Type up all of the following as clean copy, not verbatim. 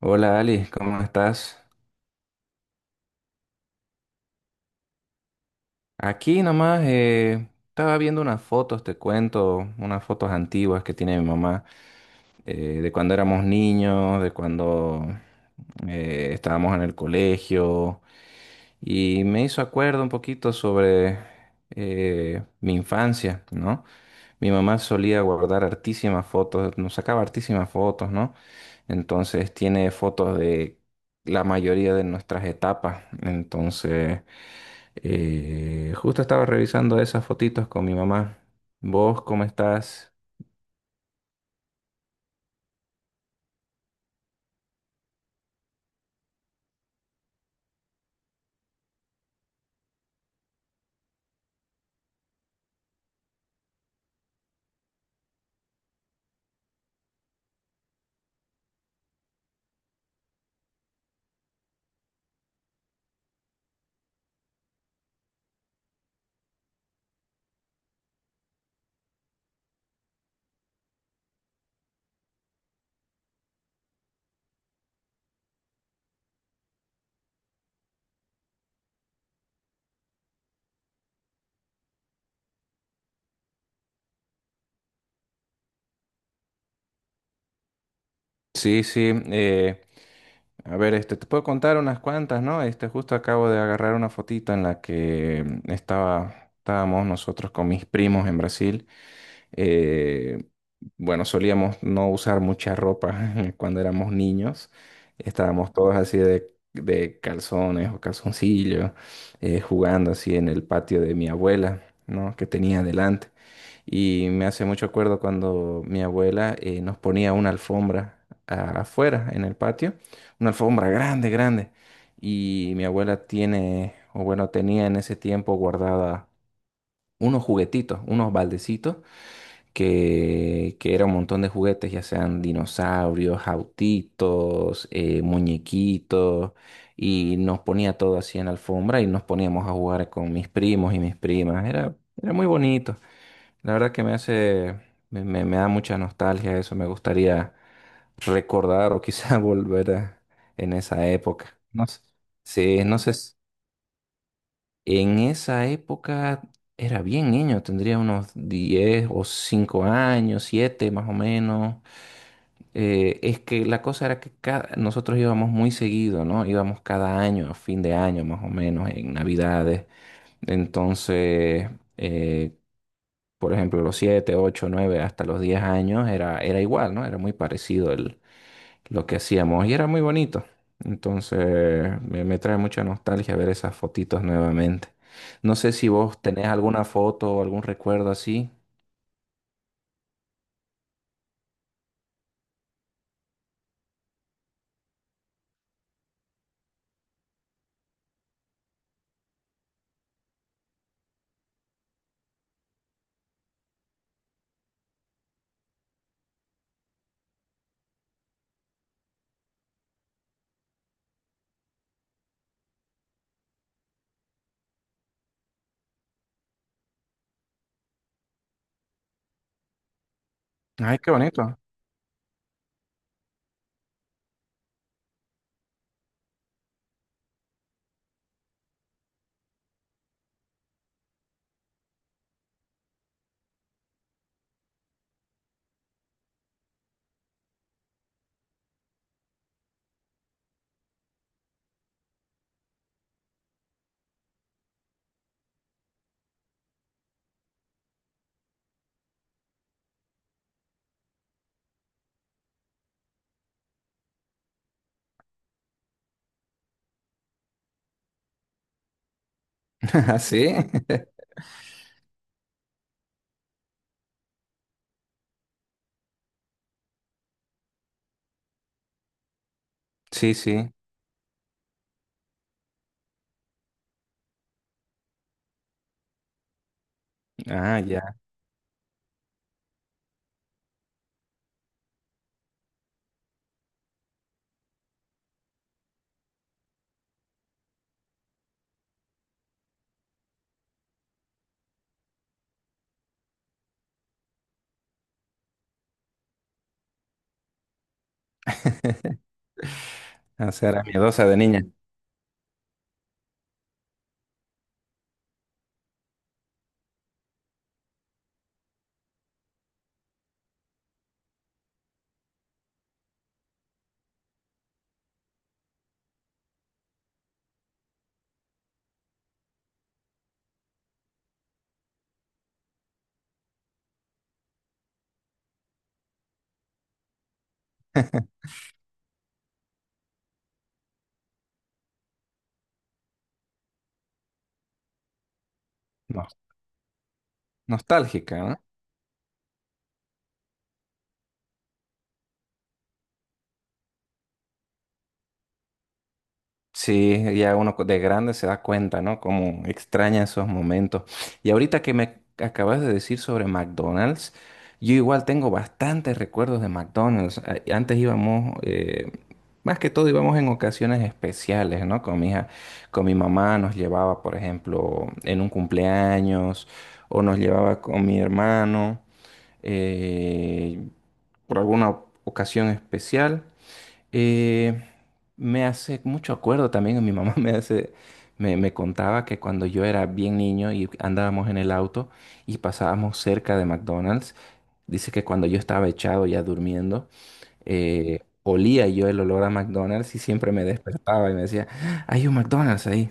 Hola Ali, ¿cómo estás? Aquí nomás estaba viendo unas fotos, te cuento, unas fotos antiguas que tiene mi mamá de cuando éramos niños, de cuando estábamos en el colegio y me hizo acuerdo un poquito sobre mi infancia, ¿no? Mi mamá solía guardar hartísimas fotos, nos sacaba hartísimas fotos, ¿no? Entonces tiene fotos de la mayoría de nuestras etapas, entonces... justo estaba revisando esas fotitos con mi mamá. ¿Vos cómo estás? Sí, sí. A ver, este, te puedo contar unas cuantas, ¿no? Este, justo acabo de agarrar una fotito en la que estábamos nosotros con mis primos en Brasil. Eh, bueno, solíamos no usar mucha ropa cuando éramos niños. Estábamos todos así de calzones o calzoncillos, jugando así en el patio de mi abuela, ¿no? Que tenía adelante. Y me hace mucho acuerdo cuando mi abuela nos ponía una alfombra afuera, en el patio, una alfombra grande, grande. Y mi abuela tiene, o bueno, tenía en ese tiempo guardada unos juguetitos, unos baldecitos, que era un montón de juguetes, ya sean dinosaurios, autitos, muñequitos, y nos ponía todo así en la alfombra y nos poníamos a jugar con mis primos y mis primas. Era, era muy bonito. La verdad que me da mucha nostalgia eso, me gustaría recordar o quizá volver en esa época. No sé. Sí, no sé, en esa época era bien niño, tendría unos 10 o 5 años, 7 más o menos. Es que la cosa era que nosotros íbamos muy seguido, ¿no? Íbamos cada año, a fin de año más o menos, en Navidades. Entonces... eh, por ejemplo, los 7, 8, 9, hasta los 10 años era, era igual, ¿no? Era muy parecido el, lo que hacíamos y era muy bonito. Entonces, me trae mucha nostalgia ver esas fotitos nuevamente. No sé si vos tenés alguna foto o algún recuerdo así. Ay, qué bonito. ¿Así? ¿Sí? Sí, sí. Ah, ya. O sea, era miedosa de niña. No- nostálgica, ¿no? Sí, ya uno de grande se da cuenta, ¿no? Como extraña esos momentos. Y ahorita que me acabas de decir sobre McDonald's, yo igual tengo bastantes recuerdos de McDonald's. Antes íbamos, más que todo íbamos en ocasiones especiales, ¿no? Con mi mamá nos llevaba, por ejemplo, en un cumpleaños o nos llevaba con mi hermano eh, por alguna ocasión especial. Eh, me hace mucho acuerdo también, mi mamá me contaba que cuando yo era bien niño y andábamos en el auto y pasábamos cerca de McDonald's, dice que cuando yo estaba echado ya durmiendo, olía yo el olor a McDonald's y siempre me despertaba y me decía, "Ah, hay un McDonald's ahí."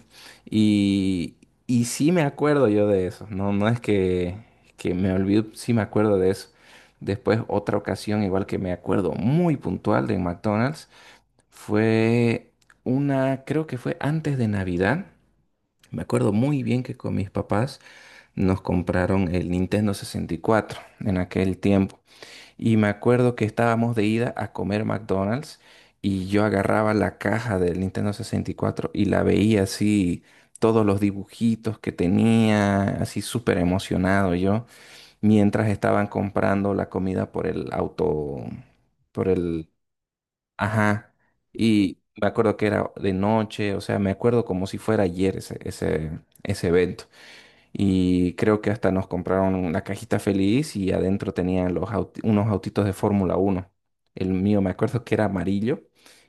Y, y sí me acuerdo yo de eso, no, no es que, me olvido, sí me acuerdo de eso. Después otra ocasión, igual que me acuerdo muy puntual de McDonald's, fue creo que fue antes de Navidad. Me acuerdo muy bien que con mis papás nos compraron el Nintendo 64 en aquel tiempo. Y me acuerdo que estábamos de ida a comer McDonald's y yo agarraba la caja del Nintendo 64 y cuatro y la veía así, todos los dibujitos que tenía, así súper emocionado yo, mientras estaban comprando la comida por el auto, por el. Ajá. Y me acuerdo que era de noche, o sea, me acuerdo como si fuera ayer ese evento. Y creo que hasta nos compraron una cajita feliz y adentro tenían los unos autitos de Fórmula 1. El mío me acuerdo que era amarillo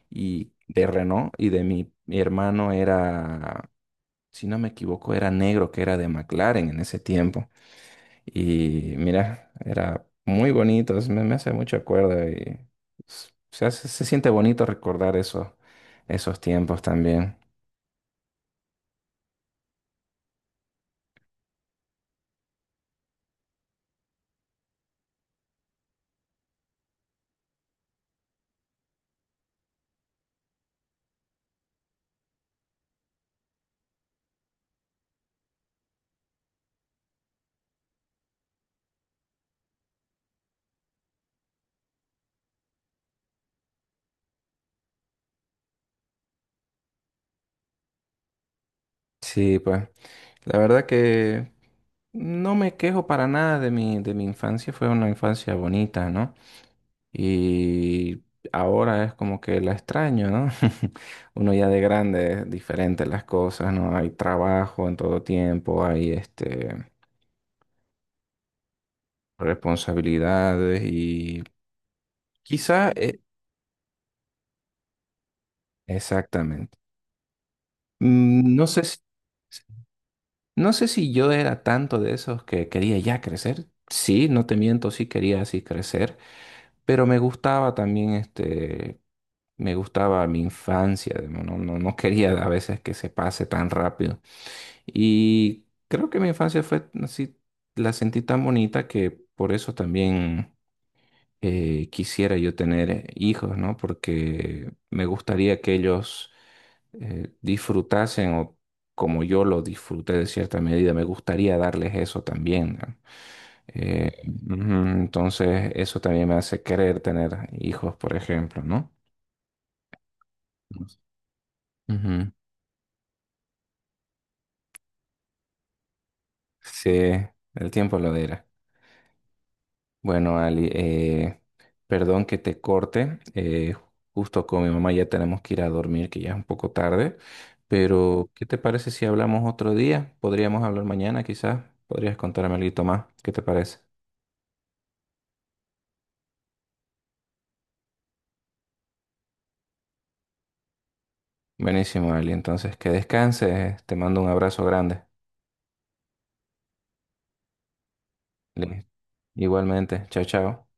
y de Renault y de mi, mi hermano era, si no me equivoco, era negro, que era de McLaren en ese tiempo. Y mira, era muy bonito, me hace mucho acuerdo y se siente bonito recordar eso, esos tiempos también. Sí, pues la verdad que no me quejo para nada de mi, de mi infancia, fue una infancia bonita, ¿no? Y ahora es como que la extraño, ¿no? Uno ya de grande es diferente las cosas, ¿no? Hay trabajo en todo tiempo, hay este, responsabilidades y... Quizá exactamente. Mm, No sé si, no sé si yo era tanto de esos que quería ya crecer. Sí, no te miento, sí quería así crecer, pero me gustaba también este, me gustaba mi infancia, digamos, no quería a veces que se pase tan rápido. Y creo que mi infancia fue así, la sentí tan bonita que por eso también. Quisiera yo tener hijos, ¿no? Porque me gustaría que ellos disfrutasen o como yo lo disfruté de cierta medida, me gustaría darles eso también, ¿no? Eh, ujú, entonces, eso también me hace querer tener hijos, por ejemplo, ¿no? Ujú. Sí, el tiempo lo dirá. Bueno, Ali, perdón que te corte. Justo con mi mamá ya tenemos que ir a dormir, que ya es un poco tarde. Pero, ¿qué te parece si hablamos otro día? Podríamos hablar mañana, quizás. Podrías contarme algo más. ¿Qué te parece? Buenísimo, Ali. Entonces, que descanses. Te mando un abrazo grande. Li- Igualmente. Chao, chao.